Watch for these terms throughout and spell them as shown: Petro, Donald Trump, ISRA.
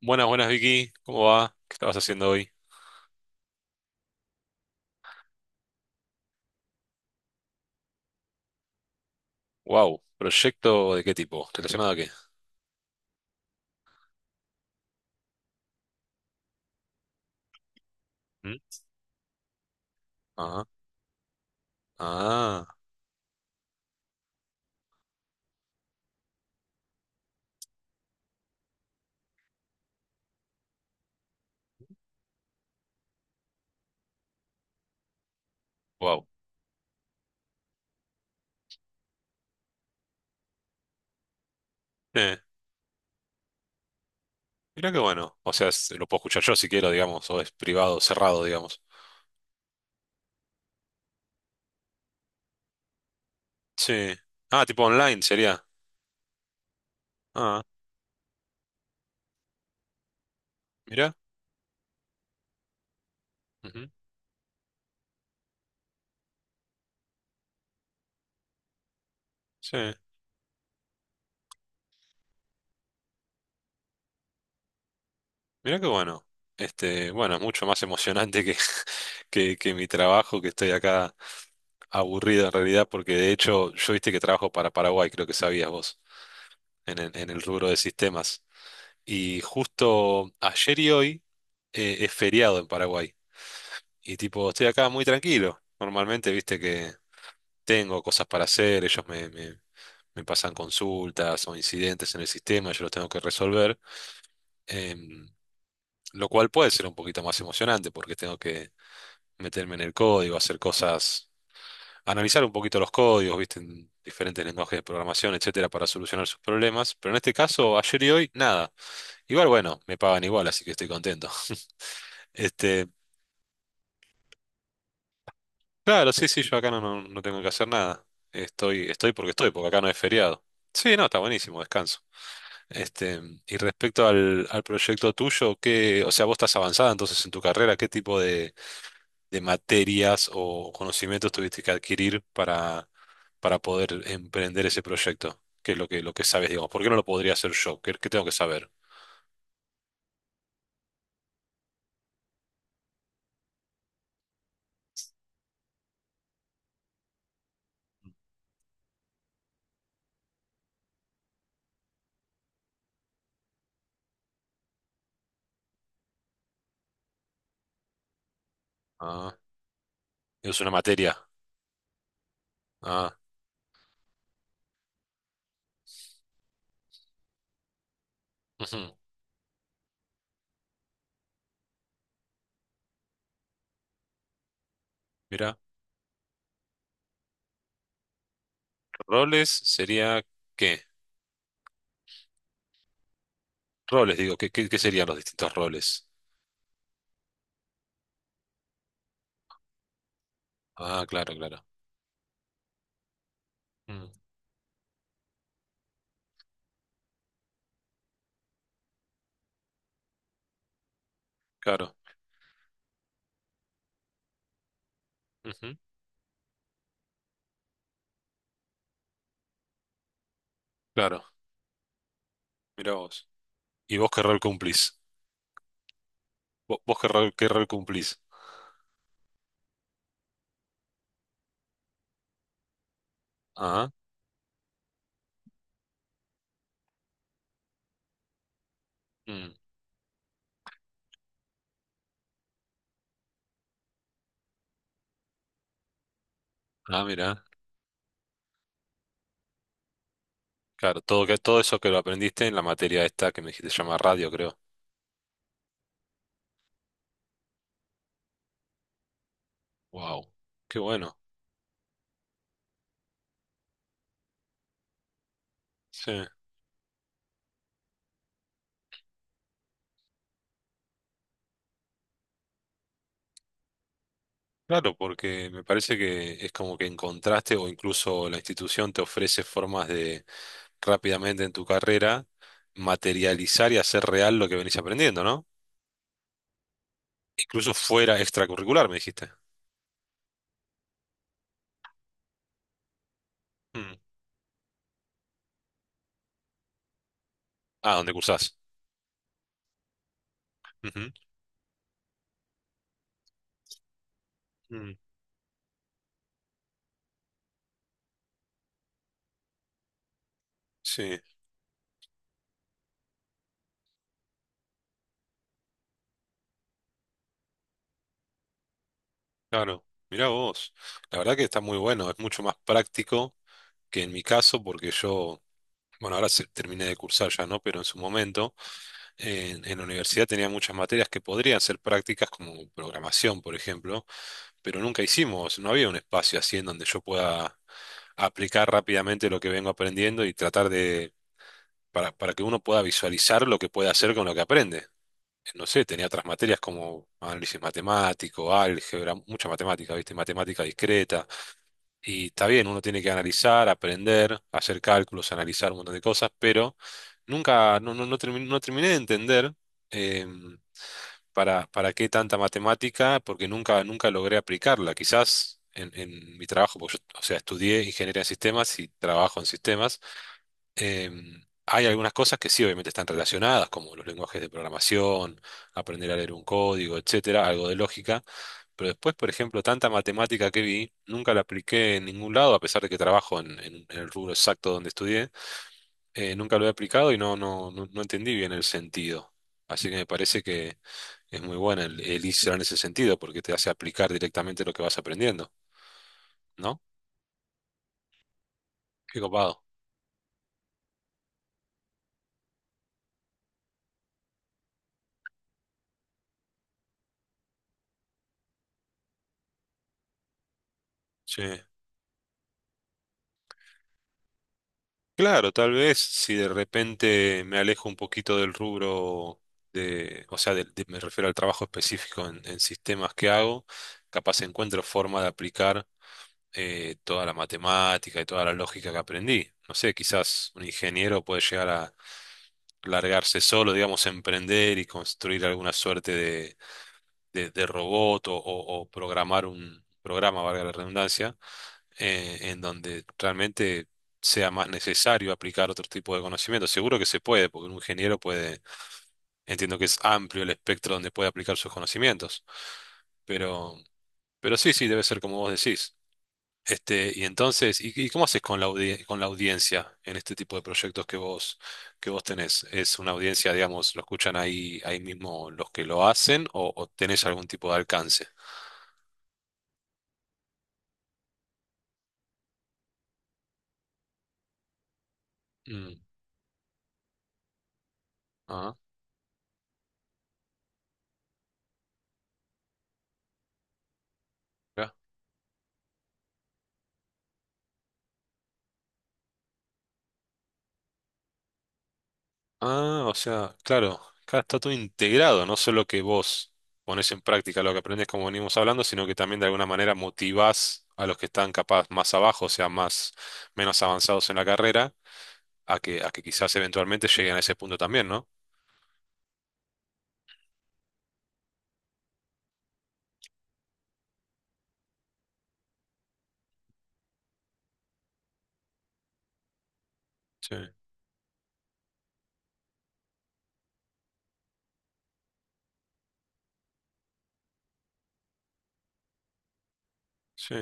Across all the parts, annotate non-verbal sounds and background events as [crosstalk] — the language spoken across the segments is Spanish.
Buenas, buenas Vicky, ¿cómo va? ¿Qué estabas haciendo hoy? Wow, ¿proyecto de qué tipo? ¿Relacionado a qué? ¿Mm? Ajá. Ah, wow. Eh, Mirá qué bueno. O sea, lo puedo escuchar yo si quiero, digamos, o es privado, cerrado, digamos. Sí. Ah, tipo online sería. Ah, mirá. Ujú. Sí, mirá qué bueno. Este, bueno, es mucho más emocionante [laughs] que mi trabajo, que estoy acá aburrido en realidad, porque de hecho, yo viste que trabajo para Paraguay, creo que sabías vos, en el rubro de sistemas. Y justo ayer y hoy es feriado en Paraguay. Y tipo, estoy acá muy tranquilo. Normalmente, viste que tengo cosas para hacer, me pasan consultas o incidentes en el sistema, yo los tengo que resolver. Em, lo cual puede ser un poquito más emocionante porque tengo que meterme en el código, hacer cosas, analizar un poquito los códigos, viste, en diferentes lenguajes de programación, etcétera, para solucionar sus problemas. Pero en este caso, ayer y hoy, nada. Igual, bueno, me pagan igual, así que estoy contento. [laughs] Este. Claro, sí, sí, yo acá no, no, no tengo que hacer nada. Estoy, estoy, porque acá no es feriado. Sí, no, está buenísimo, descanso. Este, y respecto al proyecto tuyo, ¿qué? O sea, vos estás avanzada entonces en tu carrera. ¿Qué tipo de materias o conocimientos tuviste que adquirir para poder emprender ese proyecto? ¿Qué es lo lo que sabes, digamos? ¿Por qué no lo podría hacer yo? ¿Qué tengo que saber? Ah, es una materia. Ah, ujú. Mira, roles sería ¿qué? Roles, digo, ¿qué serían los distintos roles? Ah, claro, claro. Mm, claro. Ujú, claro. Mirá vos. ¿Y vos qué rol cumplís? ¿Vos qué rol cumplís? Ah, mm, ah, mirá. Claro, todo, que, todo eso que lo aprendiste en la materia esta que me dijiste se llama radio, creo. Wow. Qué bueno. Sí. Claro, porque me parece que es como que encontraste o incluso la institución te ofrece formas de rápidamente en tu carrera materializar y hacer real lo que venís aprendiendo, ¿no? Incluso fuera extracurricular, me dijiste. Mm. Ah, ¿dónde cursás? Ujú. Mm. Sí, claro. Mirá vos. La verdad que está muy bueno. Es mucho más práctico que en mi caso, porque yo, bueno, ahora terminé de cursar ya, ¿no? Pero en su momento, en la universidad tenía muchas materias que podrían ser prácticas, como programación, por ejemplo, pero nunca hicimos, no había un espacio así en donde yo pueda aplicar rápidamente lo que vengo aprendiendo y tratar para que uno pueda visualizar lo que puede hacer con lo que aprende. No sé, tenía otras materias como análisis matemático, álgebra, mucha matemática, ¿viste? Matemática discreta. Y está bien, uno tiene que analizar, aprender, hacer cálculos, analizar un montón de cosas, pero nunca, no, no, no, no terminé de entender eh, para qué tanta matemática, porque nunca, nunca logré aplicarla. Quizás en mi trabajo, porque yo, o sea, estudié ingeniería en sistemas y trabajo en sistemas. Em, hay algunas cosas que sí, obviamente están relacionadas, como los lenguajes de programación, aprender a leer un código, etcétera, algo de lógica, pero después, por ejemplo, tanta matemática que vi, nunca la apliqué en ningún lado, a pesar de que trabajo en el rubro exacto donde estudié, nunca lo he aplicado y no, no, no, no entendí bien el sentido. Así que me parece que es muy buena el ISRA en ese sentido, porque te hace aplicar directamente lo que vas aprendiendo, ¿no? Qué copado. Sí. Claro, tal vez si de repente me alejo un poquito del rubro de, o sea, me refiero al trabajo específico en sistemas que hago, capaz encuentro forma de aplicar toda la matemática y toda la lógica que aprendí. No sé, quizás un ingeniero puede llegar a largarse solo, digamos, emprender y construir alguna suerte de robot o programar un programa, valga la redundancia en donde realmente sea más necesario aplicar otro tipo de conocimiento. Seguro que se puede, porque un ingeniero puede, entiendo que es amplio el espectro donde puede aplicar sus conocimientos, pero, pero sí, sí, debe ser como vos decís. Este, y entonces, y cómo haces con la con la audiencia en este tipo de proyectos que vos tenés? ¿Es una audiencia, digamos, lo escuchan ahí, ahí mismo los que lo hacen o tenés algún tipo de alcance? Mm, ajá, mirá. Ah, o sea, claro, acá está todo integrado, no solo que vos pones en práctica lo que aprendes como venimos hablando, sino que también de alguna manera motivás a los que están capaz más abajo, o sea, más, menos avanzados en la carrera, a que quizás eventualmente lleguen a ese punto también, ¿no? Sí, sí,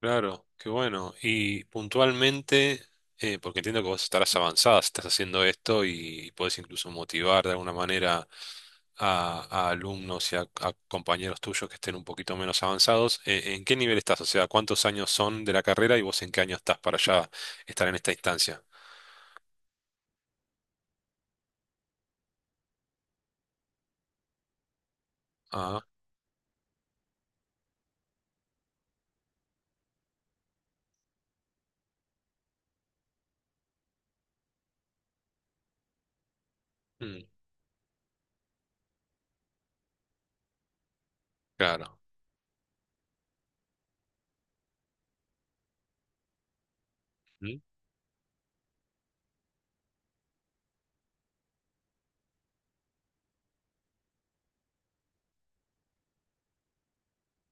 claro, qué bueno. Y puntualmente, porque entiendo que vos estarás avanzada, si estás haciendo esto y podés incluso motivar de alguna manera a alumnos y a compañeros tuyos que estén un poquito menos avanzados. ¿En qué nivel estás? O sea, ¿cuántos años son de la carrera y vos en qué año estás para ya estar en esta instancia? Ah, mm, claro. Mm,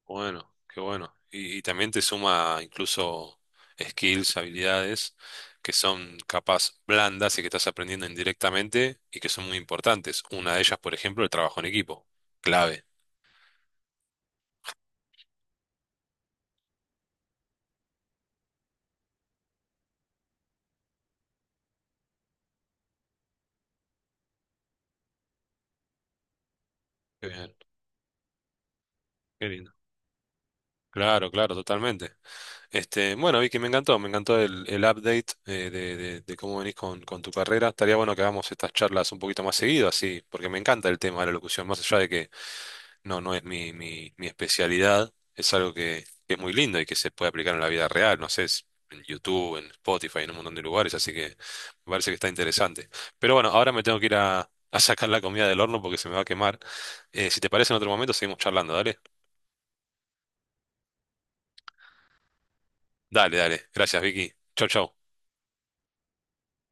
bueno, qué bueno. Y también te suma incluso skills, habilidades que son capaz blandas y que estás aprendiendo indirectamente y que son muy importantes. Una de ellas, por ejemplo, el trabajo en equipo. Clave. Qué bien, qué lindo. Claro, claro, totalmente. Este, bueno, Vicky, me encantó el update de cómo venís con tu carrera. Estaría bueno que hagamos estas charlas un poquito más seguido, así, porque me encanta el tema de la locución, más allá de que no, no es mi, mi especialidad, es algo que es muy lindo y que se puede aplicar en la vida real, no sé, es en YouTube, en Spotify, en un montón de lugares, así que me parece que está interesante. Pero bueno, ahora me tengo que ir a sacar la comida del horno porque se me va a quemar. Si te parece, en otro momento seguimos charlando, dale. Dale, dale. Gracias, Vicky. Chau, chau.